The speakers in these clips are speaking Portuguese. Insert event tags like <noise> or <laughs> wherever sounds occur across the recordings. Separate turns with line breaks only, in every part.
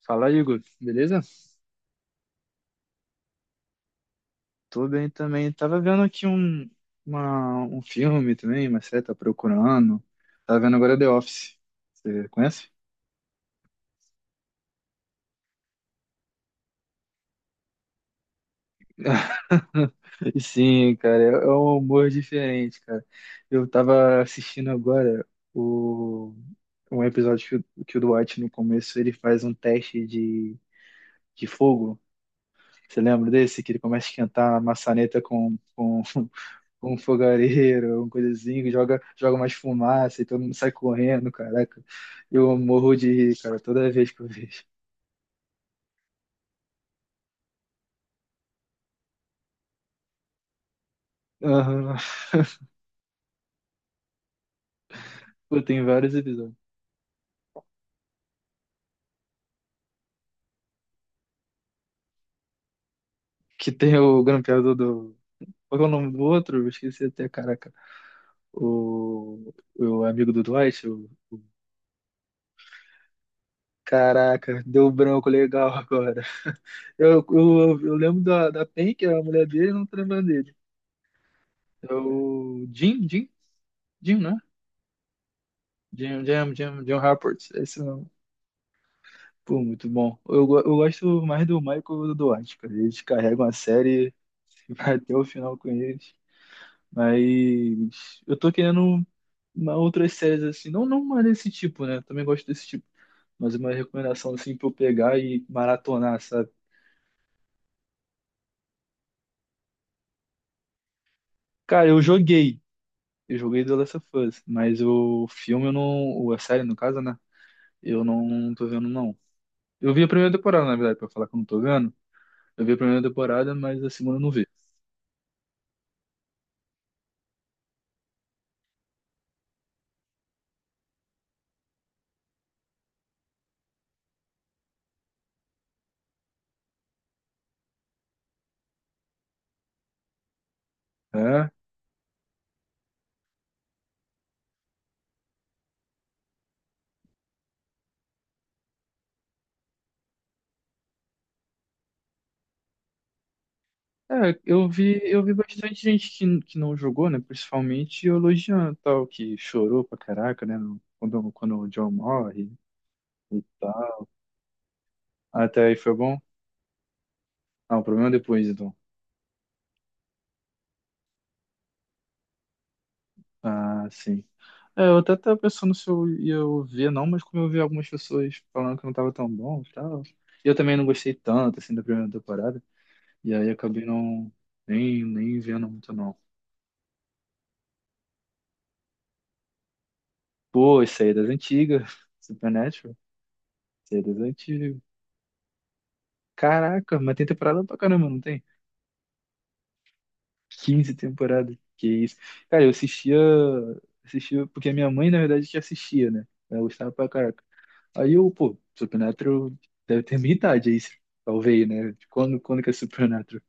Fala, Igor, beleza? Tô bem também. Tava vendo aqui um filme também, mas você tá procurando. Tava vendo agora The Office. Você conhece? <laughs> E sim, cara, é um humor diferente, cara. Eu tava assistindo agora o, um episódio que, que o Dwight, no começo, ele faz um teste de fogo. Você lembra desse? Que ele começa a esquentar a maçaneta com um fogareiro, uma coisa assim, que joga, joga mais fumaça e todo mundo sai correndo, caraca. Eu morro de rir, cara, toda vez que eu vejo. Aham. Pô, tem vários episódios. Que tem o grampeador do. Qual que é o nome do outro? Eu esqueci até, caraca. O, o amigo do Dwight. Caraca, deu um branco legal agora. Eu lembro da Pen, que é a mulher dele, não tô lembrando dele. É o Jim, né? Jim Rapport, esse. Pô, muito bom. Eu gosto mais do Michael do Duarte, cara. Eles carregam a série <laughs> e vai até o final com eles. Mas eu tô querendo uma outras séries assim, não, não uma desse tipo, né? Também gosto desse tipo. Mas uma recomendação assim pra eu pegar e maratonar, sabe? Cara, eu joguei. Eu joguei The Last of Us, mas o filme eu não. Ou a série, no caso, né? Eu não tô vendo, não. Eu vi a primeira temporada, na verdade, pra falar que eu não tô vendo. Eu vi a primeira temporada, mas a segunda eu não vi. É? É, eu vi bastante gente que não jogou, né? Principalmente elogiando tal, que chorou pra caraca, né? Quando o John morre e tal. Até aí foi bom? Ah, o problema é depois, então. Ah, sim. É, eu até tava pensando se eu ia ver, não, mas como eu vi algumas pessoas falando que não tava tão bom e tal. E eu também não gostei tanto, assim, da primeira temporada. E aí acabei não, nem vendo muito, não. Pô, isso aí é das antigas. <laughs> Supernatural. Isso aí é das antigas. Caraca, mas tem temporada pra caramba, não tem? 15 temporadas. Que isso. Cara, eu assistia, assistia, porque a minha mãe, na verdade, que assistia, né? Ela gostava pra caraca. Aí eu, pô, Supernatural deve ter minha idade aí, talvez, né? Quando que é Supernatural?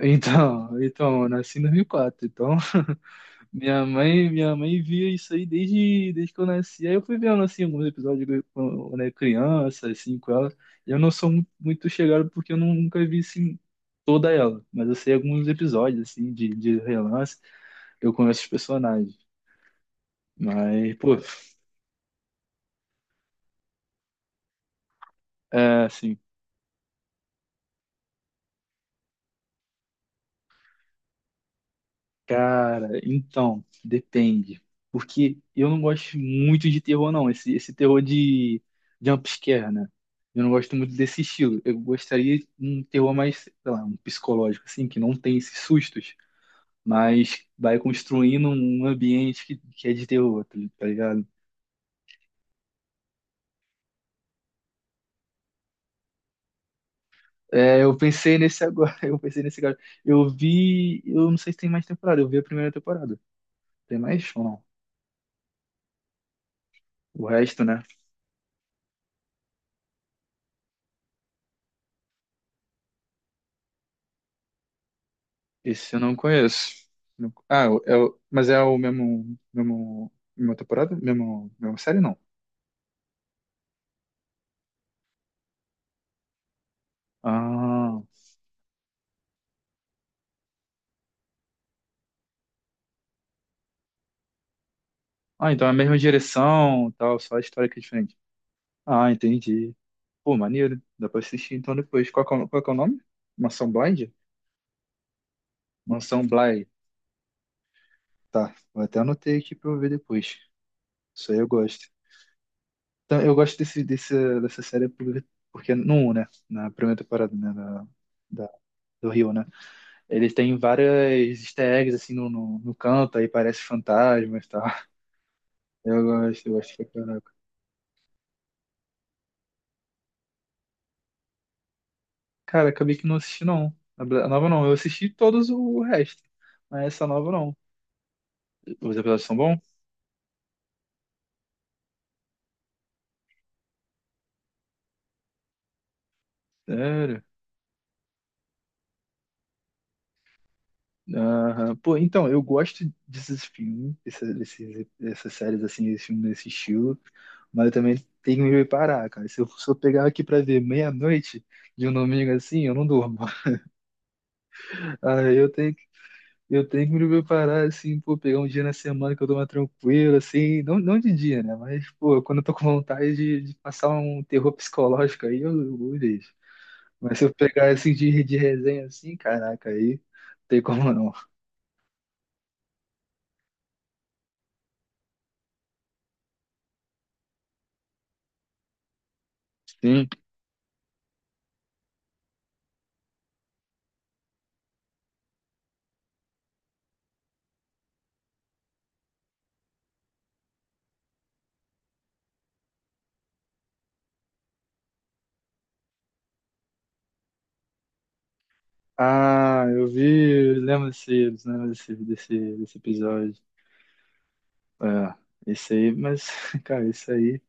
Então, eu nasci em 2004, então Minha mãe via isso aí desde que eu nasci. Aí eu fui vendo assim alguns episódios quando eu era criança, assim, com ela. Eu não sou muito chegado porque eu nunca vi assim toda ela, mas eu sei alguns episódios assim de, relance, eu conheço os personagens. Mas, pô, é assim. Cara, então, depende. Porque eu não gosto muito de terror, não. Esse terror de jumpscare, né? Eu não gosto muito desse estilo. Eu gostaria de um terror mais, sei lá, um psicológico, assim, que não tem esses sustos, mas vai construindo um ambiente que é de terror, tá ligado? É, eu pensei nesse agora, <laughs> eu pensei nesse agora. Eu vi, eu não sei se tem mais temporada, eu vi a primeira temporada. Tem mais ou não? O resto, né? Esse eu não conheço. Ah, mas é o mesmo, mesmo, mesma temporada? Mesmo, mesma série, não. Ah, ah, então é a mesma direção, tal, só a história que é diferente. Ah, entendi. Pô, maneiro. Dá pra assistir então depois. Qual que é o nome? Mansão Blind? Mansão Blind. Tá, vou até anotei aqui pra eu ver depois. Isso aí eu gosto. Então, eu gosto dessa série porque no um, né? Na primeira temporada, né? Da, da- do Rio, né? Eles têm várias easter eggs assim no canto, aí parece fantasmas e tal. <laughs> Eu gosto pra caraca. Cara, acabei que não assisti não. A nova não, eu assisti todos o resto. Mas essa nova não. Os episódios são bons? Sério? Aham. Pô, então, eu gosto desses filmes, desses, dessas séries assim, esse filme desse estilo, mas eu também tenho que me preparar, cara. Se eu pegar aqui pra ver meia-noite de um domingo assim, eu não durmo. <laughs> Aí eu tenho Eu tenho que me preparar, assim, pô, pegar um dia na semana que eu tô mais tranquilo assim, não, não de dia, né? Mas, pô, quando eu tô com vontade de, passar um terror psicológico aí, eu deixo. Mas se eu pegar, assim, de resenha, assim, caraca, aí não tem como não. Sim. Ah, eu lembro desse episódio. É, esse aí, mas, <laughs> cara, isso aí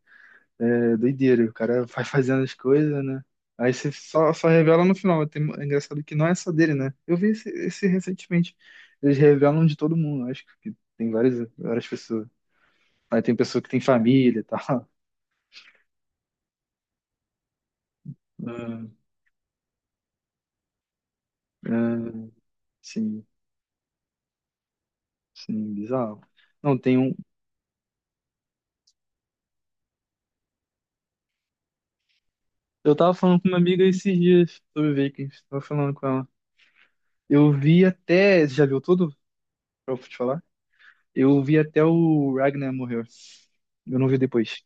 é doideira, o cara vai fazendo as coisas, né? Aí você só revela no final. É engraçado que não é só dele, né? Eu vi esse recentemente. Eles revelam de todo mundo, acho que tem várias, várias pessoas. Aí tem pessoa que tem família e tal. Ah, ah, sim, sim, bizarro. Não, tem um. Eu tava falando com uma amiga esses dias sobre Vikings. Tava falando com ela. Eu vi até. Você já viu tudo? Pra eu te falar? Eu vi até o Ragnar morrer. Eu não vi depois.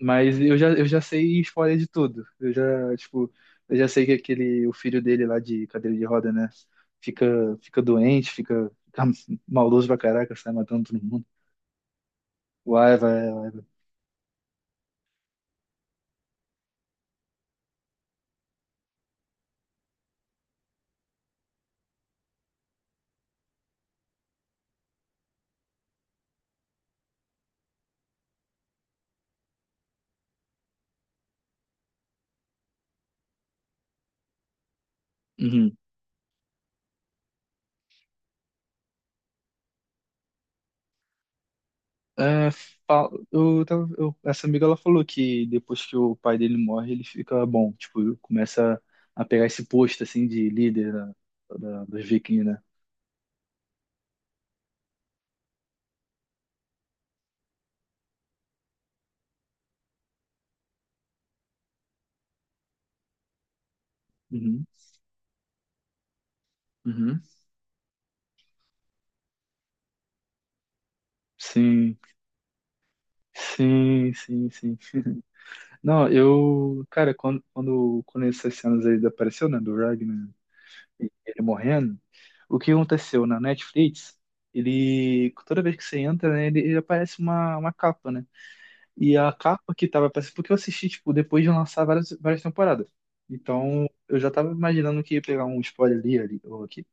Mas eu já sei spoiler de tudo. Eu já, tipo, eu já sei que aquele, o filho dele lá de cadeira de roda, né? Fica, fica doente, fica <laughs> maldoso pra caraca, sai matando todo mundo. Uai, vai, vai. Vai. Uhum. É, essa amiga ela falou que depois que o pai dele morre, ele fica bom, tipo, começa a pegar esse posto assim de líder da, dos vikings, né? Uhum. Uhum. Sim, sim, sim, sim. Não, eu, cara, quando essas cenas aí apareceu, né, do Ragnar e ele morrendo, o que aconteceu na Netflix, ele, toda vez que você entra, né, ele aparece uma capa, né, e a capa que tava aparecendo, porque eu assisti, tipo, depois de lançar várias, várias temporadas, então eu já tava imaginando que ia pegar um spoiler ali ou aqui,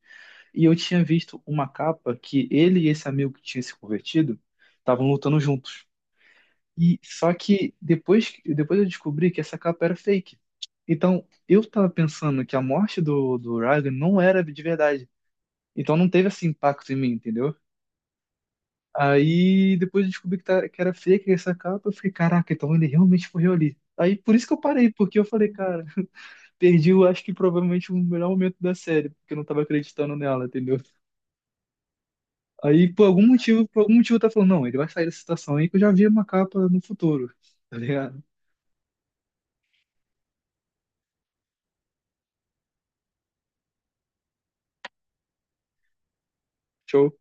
e eu tinha visto uma capa que ele e esse amigo que tinha se convertido estavam lutando juntos. E só que depois, depois eu descobri que essa capa era fake. Então, eu tava pensando que a morte do, Ryan não era de verdade. Então não teve esse impacto em mim, entendeu? Aí depois eu descobri que era fake essa capa, eu fiquei, caraca, então ele realmente morreu ali. Aí por isso que eu parei, porque eu falei, cara, perdi, eu acho que provavelmente o melhor momento da série, porque eu não tava acreditando nela, entendeu? Aí por algum motivo tá falando, não, ele vai sair dessa situação aí que eu já vi uma capa no futuro, tá ligado? Show.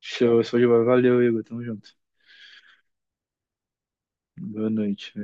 Show, show de bola. Valeu, Igor. Tamo junto. Boa noite.